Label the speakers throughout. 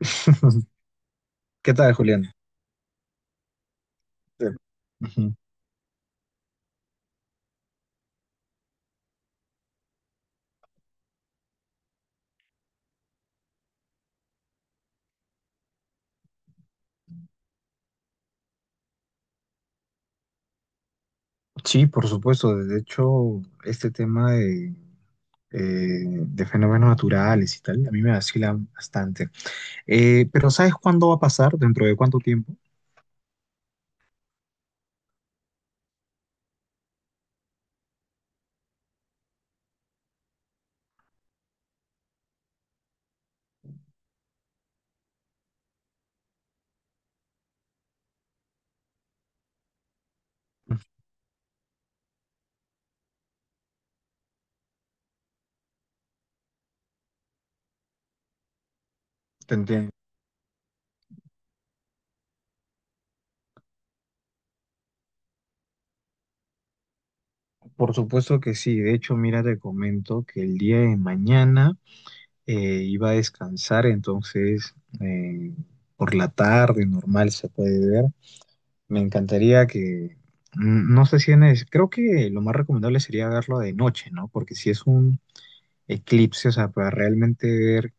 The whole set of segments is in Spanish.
Speaker 1: ¿Qué tal, Julián? Sí. Ujú. Sí, por supuesto. De hecho, este tema de fenómenos naturales y tal, a mí me vacila bastante. Pero ¿sabes cuándo va a pasar? ¿Dentro de cuánto tiempo? Te entiendo. Por supuesto que sí. De hecho, mira, te comento que el día de mañana iba a descansar, entonces eh, por la tarde normal se puede ver. Me encantaría que, no sé si en es, creo que lo más recomendable sería verlo de noche, ¿no? Porque si es un eclipse, o sea, para realmente ver,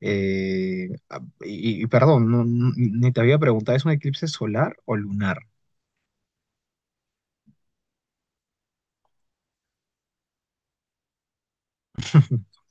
Speaker 1: y perdón, ni te había preguntado, ¿es un eclipse solar o lunar?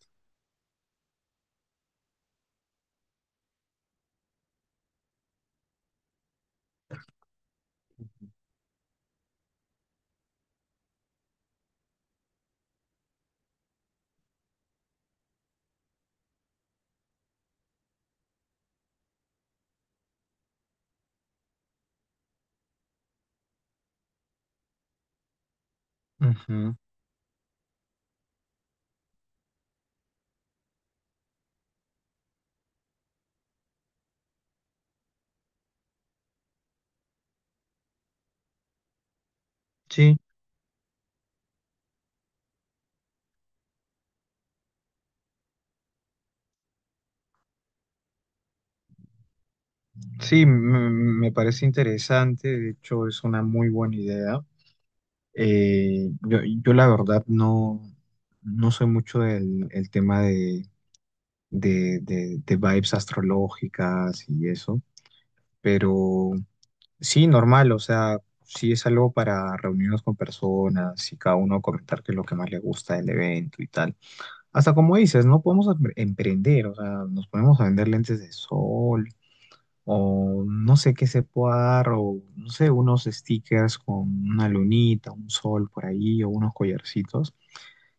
Speaker 1: Ujú. Sí, sí, me parece interesante, de hecho es una muy buena idea. Yo la verdad no, no soy mucho del el tema de vibes astrológicas y eso. Pero sí, normal, o sea, sí es algo para reunirnos con personas y cada uno comentar qué es lo que más le gusta del evento y tal. Hasta como dices, no podemos emprender, o sea, nos ponemos a vender lentes de sol, o no sé qué se pueda dar, o no sé, unos stickers con una lunita, un sol por ahí, o unos collarcitos,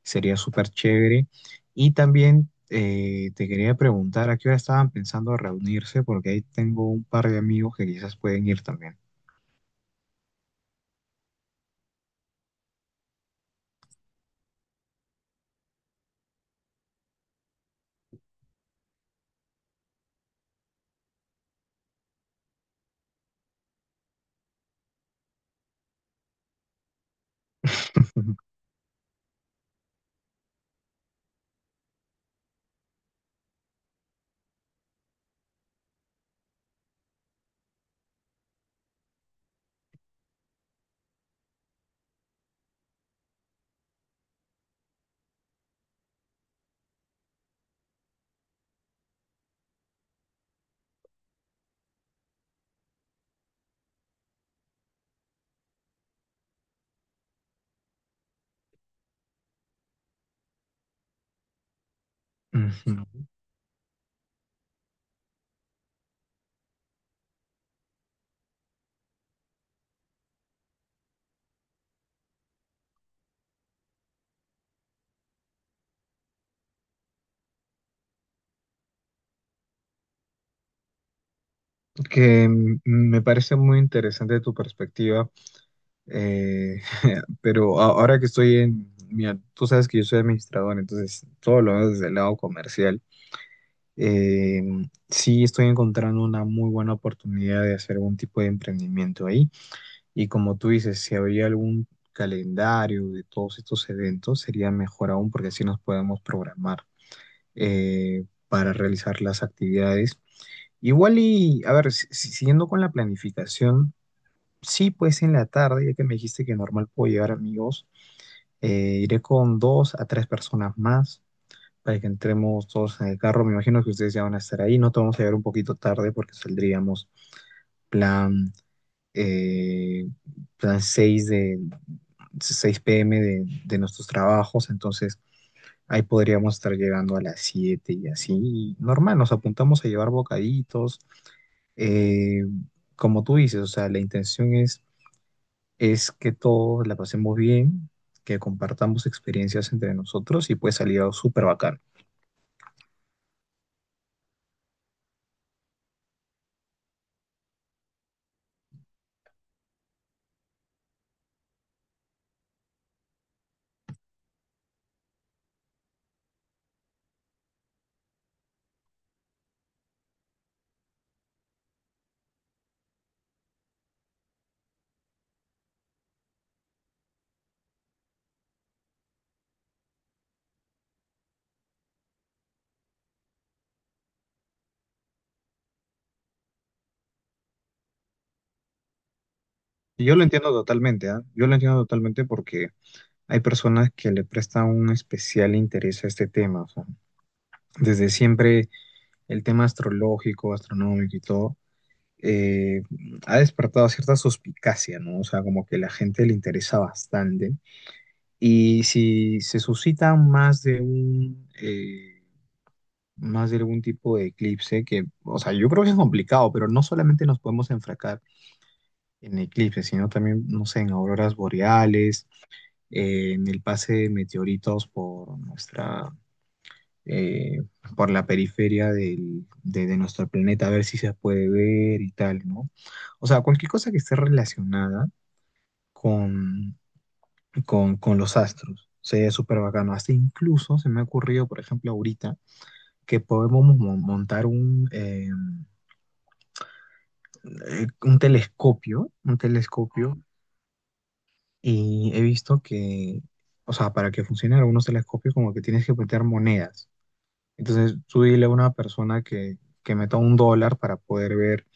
Speaker 1: sería súper chévere. Y también te quería preguntar a qué hora estaban pensando reunirse, porque ahí tengo un par de amigos que quizás pueden ir también. Ujú. Que me parece muy interesante tu perspectiva, eh, pero ahora que estoy en, mira, tú sabes que yo soy administrador, entonces todo lo veo desde el lado comercial. Eh, sí, estoy encontrando una muy buena oportunidad de hacer algún tipo de emprendimiento ahí. Y como tú dices, si habría algún calendario de todos estos eventos, sería mejor aún porque así nos podemos programar para realizar las actividades. Igual y, a ver, siguiendo con la planificación, sí, pues en la tarde, ya que me dijiste que normal puedo llevar amigos, iré con dos a tres personas más para que entremos todos en el carro. Me imagino que ustedes ya van a estar ahí. No te vamos a llegar un poquito tarde porque saldríamos plan, eh, plan seis, de 6 p.m. De nuestros trabajos. Entonces ahí podríamos estar llegando a las 7 y así. Y normal, nos apuntamos a llevar bocaditos. Eh, Como tú dices, o sea, es que todos la pasemos bien, que compartamos experiencias entre nosotros y puede salir algo súper bacán. Y yo lo entiendo totalmente, ¿ah? Yo lo entiendo totalmente porque hay personas que le prestan un especial interés a este tema. O sea, desde siempre el tema astrológico, astronómico y todo, eh, ha despertado cierta suspicacia, ¿no? O sea, como que la gente le interesa bastante. Y si se suscita más de un, más de algún tipo de eclipse, que, o sea, yo creo que es complicado, pero no solamente nos podemos enfracar en eclipses, sino también, no sé, en auroras boreales, en el pase de meteoritos por nuestra, eh, por la periferia de nuestro planeta, a ver si se puede ver y tal, ¿no? O sea, cualquier cosa que esté relacionada con, con los astros. Sería súper bacano. Hasta incluso se me ha ocurrido, por ejemplo, ahorita, que podemos montar un telescopio, y he visto que, o sea, para que funcionen algunos telescopios, como que tienes que meter monedas. Entonces, tú dile a una persona que meta un dólar para poder ver,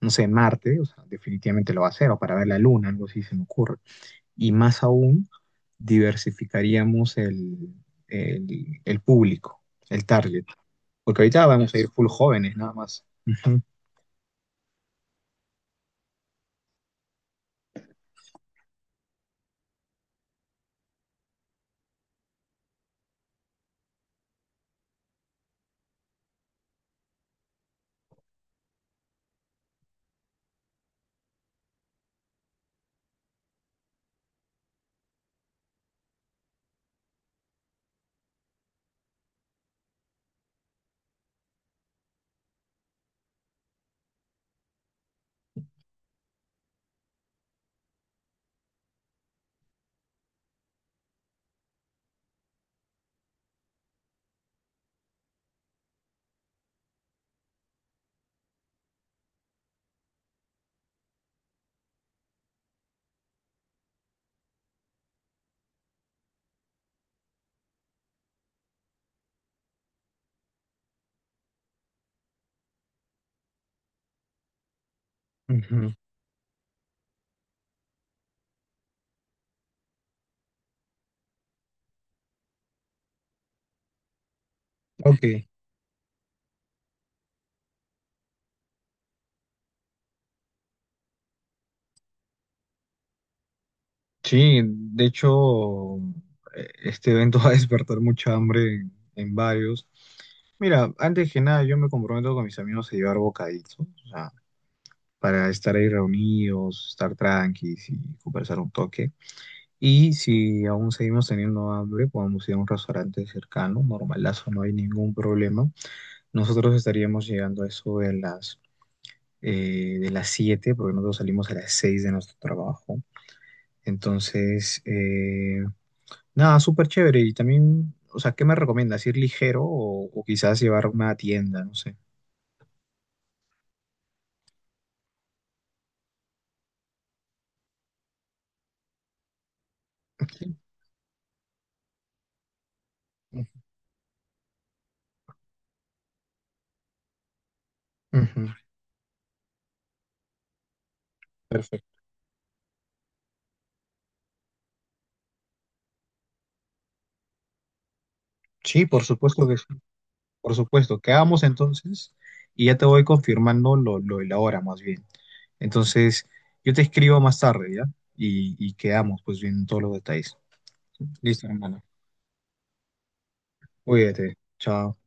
Speaker 1: no sé, Marte, o sea, definitivamente lo va a hacer, o para ver la Luna, algo así se me ocurre. Y más aún, diversificaríamos el, el público, el target, porque ahorita vamos a ir Yes. full jóvenes, nada más. Ujú. Ujú. Ok. Sí, de hecho, este evento va a despertar mucha hambre en varios. Mira, antes que nada, yo me comprometo con mis amigos a llevar bocaditos, para estar ahí reunidos, estar tranquilos y conversar un toque. Y si aún seguimos teniendo hambre, podemos ir a un restaurante cercano, normalazo, no hay ningún problema. Nosotros estaríamos llegando a eso de las 7, porque nosotros salimos a las 6 de nuestro trabajo. Entonces, nada, súper chévere. Y también, o sea, ¿qué me recomiendas? ¿Ir ligero o quizás llevar una tienda? No sé. Ujú. Perfecto. Sí, por supuesto que sí. Por supuesto, quedamos entonces y ya te voy confirmando lo de la hora más bien. Entonces, yo te escribo más tarde, ¿ya? Y quedamos pues bien en todos los detalles. Listo, hermano. Cuídate. Chao.